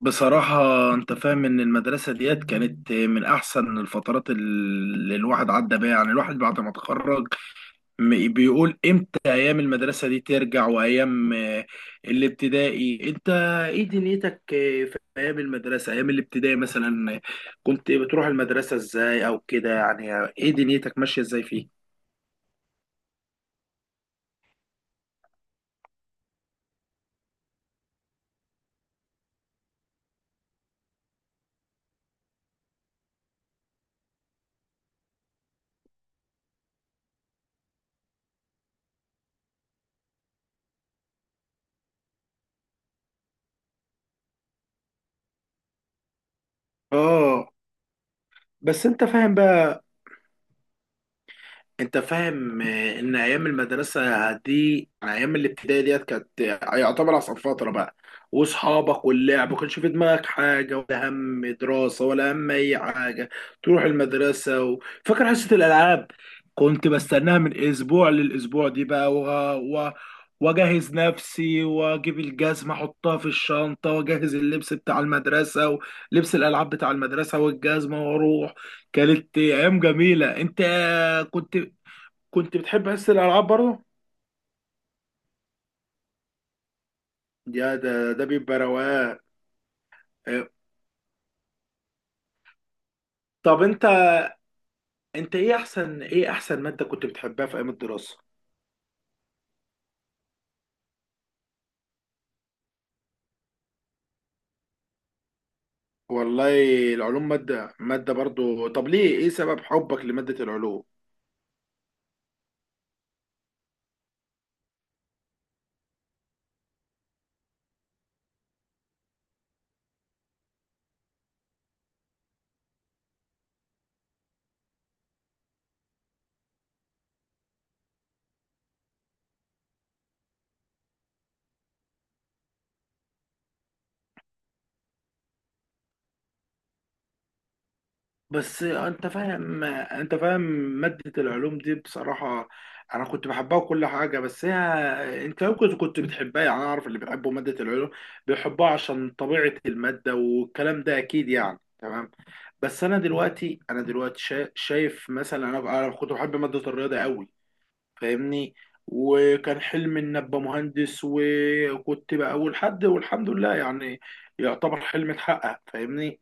بصراحة، أنت فاهم إن المدرسة ديت كانت من أحسن الفترات اللي الواحد عدى بيها. يعني الواحد بعد ما اتخرج بيقول إمتى أيام المدرسة دي ترجع. وأيام الابتدائي، أنت إيه دنيتك آه، في أيام المدرسة، أيام الابتدائي مثلا كنت بتروح المدرسة إزاي، أو كده؟ يعني إيه دنيتك ماشية إزاي فيه؟ آه، بس أنت فاهم بقى، انت فاهم ان ايام المدرسه دي، ايام الابتدائي ديت، كانت يعتبر اصعب فتره بقى. واصحابك واللعب، ما كانش في دماغك حاجه، ولا هم دراسه ولا هم اي حاجه. تروح المدرسه فاكر حصه الالعاب؟ كنت بستناها من اسبوع للاسبوع دي بقى و... و... واجهز نفسي، واجيب الجزمه احطها في الشنطه، واجهز اللبس بتاع المدرسه، ولبس الالعاب بتاع المدرسه والجزمه، واروح. كانت ايام جميله، انت. كنت كنت بتحب حس الالعاب برضه. يا ده، ده بيبقى رواق. آه، طب انت، انت ايه احسن، ايه احسن ماده كنت بتحبها في ايام الدراسه؟ والله، العلوم ماده برضه، طب ليه؟ ايه سبب حبك لماده العلوم؟ بس انت فاهم. مادة العلوم دي بصراحة انا كنت بحبها وكل حاجة، بس هي انت ممكن كنت بتحبها. يعني انا اعرف اللي بيحبوا مادة العلوم بيحبوها عشان طبيعة المادة والكلام ده، اكيد يعني، تمام. بس انا دلوقتي شايف مثلا، انا كنت بحب مادة الرياضة قوي، فاهمني؟ وكان حلمي ان ابقى مهندس، وكنت بقى اول حد، والحمد لله يعني، يعتبر حلمي اتحقق، فاهمني؟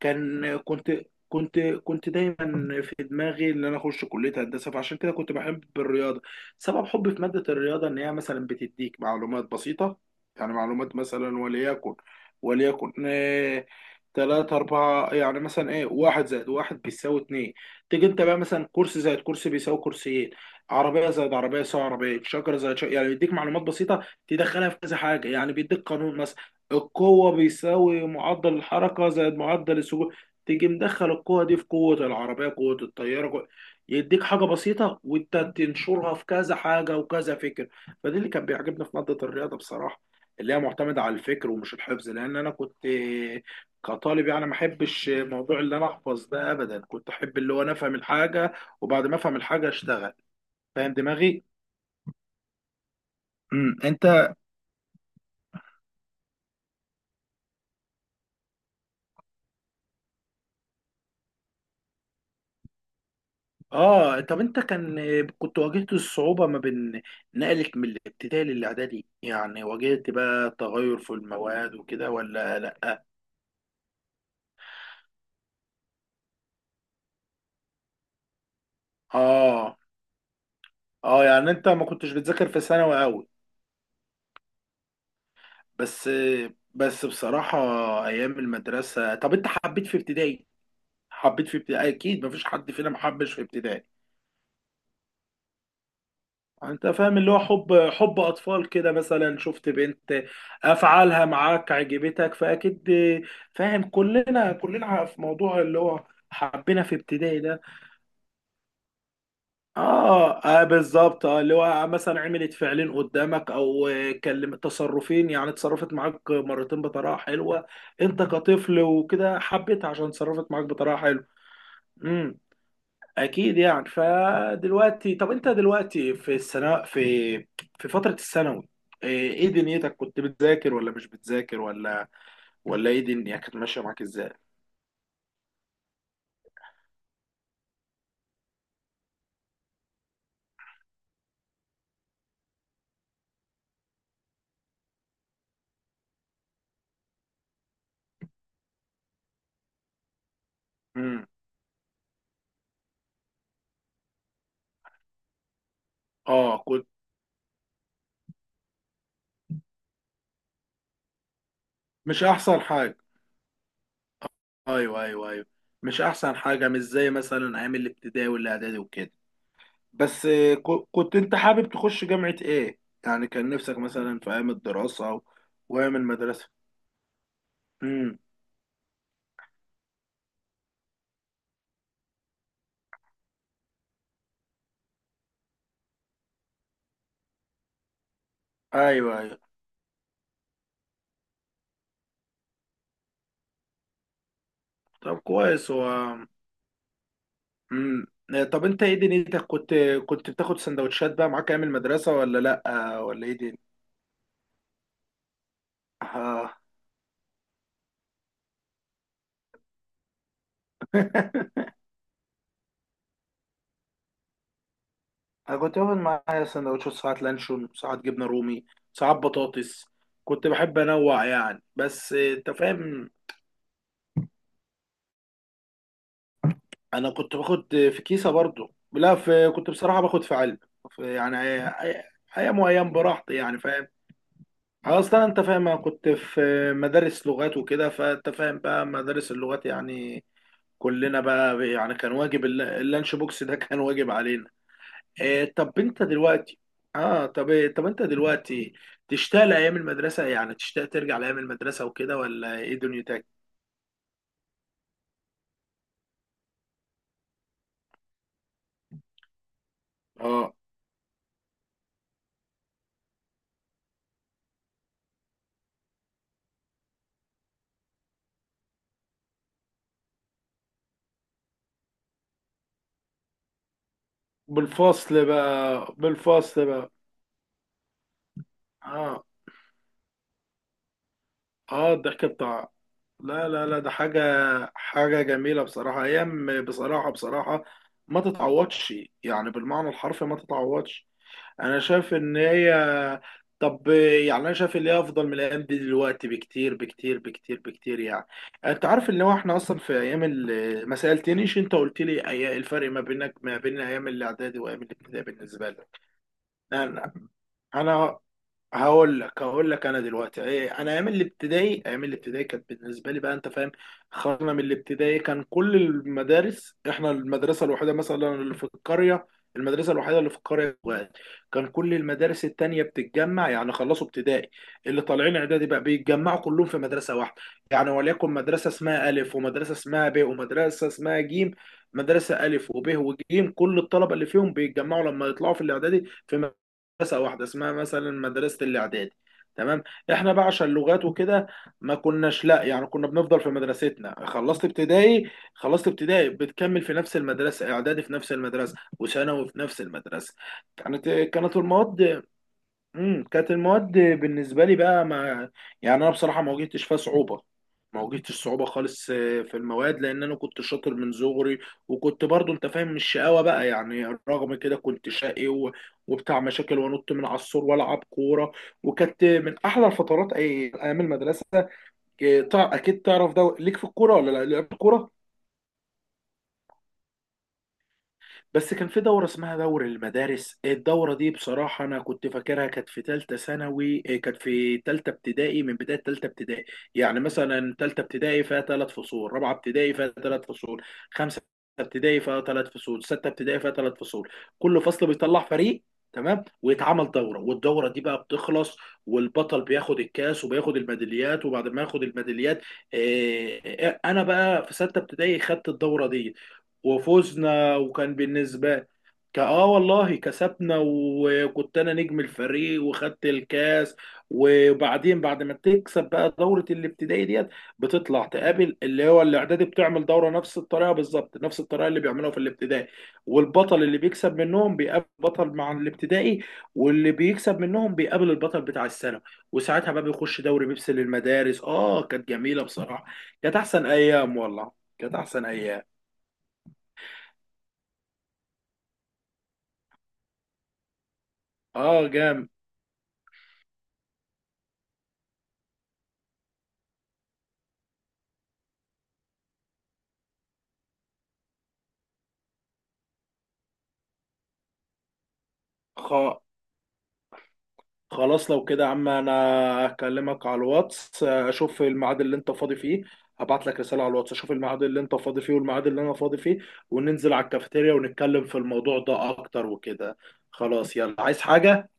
كان كنت كنت كنت دايما في دماغي ان انا اخش كليه هندسه، فعشان كده كنت بحب الرياضه. سبب حبي في ماده الرياضه ان هي مثلا بتديك معلومات بسيطه. يعني معلومات مثلا، وليكن تلاتة أربعة. يعني مثلا إيه، واحد زائد واحد بيساوي اتنين. تيجي أنت بقى مثلا، كرسي زائد كرسي بيساوي كرسيين، عربية زائد عربية يساوي عربية، شجرة زائد شجرة. يعني بيديك معلومات بسيطة تدخلها في كذا حاجة. يعني بيديك قانون مثلا، القوة بيساوي معدل الحركة زائد معدل السكون. تيجي مدخل القوة دي في قوة العربية، قوة الطيارة، قوة. يديك حاجة بسيطة وانت تنشرها في كذا حاجة وكذا فكر. فدي اللي كان بيعجبني في مادة الرياضة بصراحة، اللي هي معتمدة على الفكر ومش الحفظ. لأن أنا كنت كطالب يعني ما أحبش موضوع اللي أنا أحفظ ده أبدا. كنت أحب اللي هو أنا أفهم الحاجة، وبعد ما أفهم الحاجة أشتغل. فاهم دماغي؟ أنت. طب انت كنت واجهت الصعوبة ما بين نقلك من الابتدائي للاعدادي؟ يعني واجهت بقى تغير في المواد وكده، ولا لا؟ اه اه يعني انت ما كنتش بتذاكر في ثانوي قوي؟ بس بس بصراحة، ايام المدرسة، طب انت حبيت في ابتدائي؟ حبيت في ابتدائي، اكيد ما فيش حد فينا محبش في ابتدائي. انت فاهم اللي هو حب اطفال كده مثلا، شفت بنت افعالها معاك عجبتك، فاكيد فاهم؟ كلنا في موضوع اللي هو حبينا في ابتدائي ده. اه، آه، بالظبط، اه، اللي هو مثلا عملت فعلين قدامك او تصرفين. يعني اتصرفت معاك مرتين بطريقه حلوه، انت كطفل وكده، حبيت عشان تصرفت معاك بطريقه حلوه. اكيد يعني. فدلوقتي، طب انت دلوقتي في السنه، في فتره الثانوي، إيه دنيتك؟ كنت بتذاكر ولا مش بتذاكر؟ ولا ولا ايه، دنيا كانت ماشيه معاك ازاي؟ امم، اه. كنت مش احسن حاجه. ايوه، ايوه، ايوه. مش احسن حاجه، مش زي مثلا ايام الابتدائي والاعدادي وكده. بس كنت انت حابب تخش جامعه ايه؟ يعني كان نفسك مثلا في ايام الدراسه وايام المدرسه. امم. ايوه ايوه. طب كويس هو. امم. طب انت ايه دنيتك، كنت بتاخد سندوتشات بقى معاك ايام المدرسه ولا لا؟ ولا ايه دي؟ اه. انا كنت باخد معايا سندوتشات، ساعات لانشون، ساعات جبنه رومي، ساعات بطاطس. كنت بحب انوع يعني. بس آه، انت فاهم، انا كنت باخد في كيسه برضو. لا، في، كنت بصراحه باخد في علب، في، يعني. أي- ايام وايام، براحتي يعني، فاهم؟ اصلا انت فاهم انا كنت في مدارس لغات وكده، فانت فاهم بقى مدارس اللغات يعني. كلنا بقى يعني كان واجب، اللانش بوكس ده كان واجب علينا. إيه طب انت دلوقتي، طب انت دلوقتي تشتاق لايام المدرسه؟ يعني تشتاق ترجع لايام المدرسه وكده، ولا ايه دنيتك؟ اه. بالفصل بقى، بالفصل بقى. اه، اه، الضحك بتاع، لا لا لا، ده حاجه، حاجه جميله بصراحه. ايام بصراحه، بصراحه ما تتعوضش، يعني بالمعنى الحرفي ما تتعوضش. انا شايف ان هي، طب، يعني انا شايف اللي هي افضل من الايام دي دلوقتي بكتير بكتير بكتير بكتير يعني. انت عارف ان هو احنا اصلا في ايام ما سالتنيش انت، قلت لي الفرق ما بينك، ما بين ايام الاعدادي وايام الابتدائي بالنسبه لك. انا انا هقول لك انا دلوقتي انا ايام الابتدائي، ايام الابتدائي كانت بالنسبه لي بقى، انت فاهم، خرجنا من الابتدائي. كان كل المدارس، احنا المدرسه الوحيده مثلا اللي في القريه، المدرسه الوحيده اللي في القريه واحد. كان كل المدارس التانية بتتجمع. يعني خلصوا ابتدائي، اللي طالعين اعدادي بقى بيتجمعوا كلهم في مدرسه واحده. يعني وليكن مدرسه اسمها الف، ومدرسه اسمها ب، ومدرسه اسمها جيم. مدرسه الف وب وجيم، كل الطلبه اللي فيهم بيتجمعوا لما يطلعوا في الاعدادي في مدرسة واحدة اسمها مثلا مدرسة الإعدادي، تمام. احنا بقى عشان لغات وكده، ما كناش، لا يعني كنا بنفضل في مدرستنا. خلصت ابتدائي، خلصت ابتدائي بتكمل في نفس المدرسة اعدادي، في نفس المدرسة، وثانوي في نفس المدرسة. كانت المواد، امم، كانت المواد بالنسبه لي بقى، ما، يعني انا بصراحه ما واجهتش فيها صعوبه. ما واجهتش صعوبه خالص في المواد، لان انا كنت شاطر من صغري. وكنت برضو انت فاهم مش شقاوه بقى، يعني رغم كده كنت شقي وبتاع مشاكل، وانط من على السور والعب كوره. وكانت من احلى الفترات، ايام المدرسه. اكيد تعرف ده ليك في الكوره ولا لا؟ لعبت كوره؟ بس كان في دورة اسمها دور المدارس، الدورة دي بصراحة أنا كنت فاكرها كانت في تالتة ثانوي، كانت في تالتة ابتدائي. من بداية تالتة ابتدائي، يعني مثلا تالتة ابتدائي فيها تلات فصول، رابعة ابتدائي فيها تلات فصول، خمسة ابتدائي فيها تلات فصول، ستة ابتدائي فيها تلات فصول. كل فصل بيطلع فريق، تمام، ويتعمل دورة، والدورة دي بقى بتخلص، والبطل بياخد الكاس وبياخد الميداليات. وبعد ما ياخد الميداليات، إيه، إيه، أنا بقى في ستة ابتدائي خدت الدورة دي، وفزنا. وكان بالنسبة، اه والله كسبنا، وكنت انا نجم الفريق، وخدت الكاس. وبعدين بعد ما تكسب بقى دورة الابتدائي ديت، بتطلع تقابل اللي هو الاعدادي، بتعمل دورة نفس الطريقة بالظبط، نفس الطريقة اللي بيعملوها في الابتدائي. والبطل اللي بيكسب منهم بيقابل بطل مع الابتدائي، واللي بيكسب منهم بيقابل البطل بتاع السنة، وساعتها بقى بيخش دوري بيبسي للمدارس. اه، كانت جميلة بصراحة، كانت احسن ايام والله، كانت احسن ايام. اه جامد. خ... خلاص لو كده يا عم، انا هكلمك على الواتس اشوف الميعاد اللي انت فاضي فيه. هبعت لك رسالة على الواتس، اشوف الميعاد اللي انت فاضي فيه والميعاد اللي انا فاضي فيه، وننزل على الكافيتيريا ونتكلم في الموضوع ده اكتر وكده. خلاص، يلا، عايز حاجة؟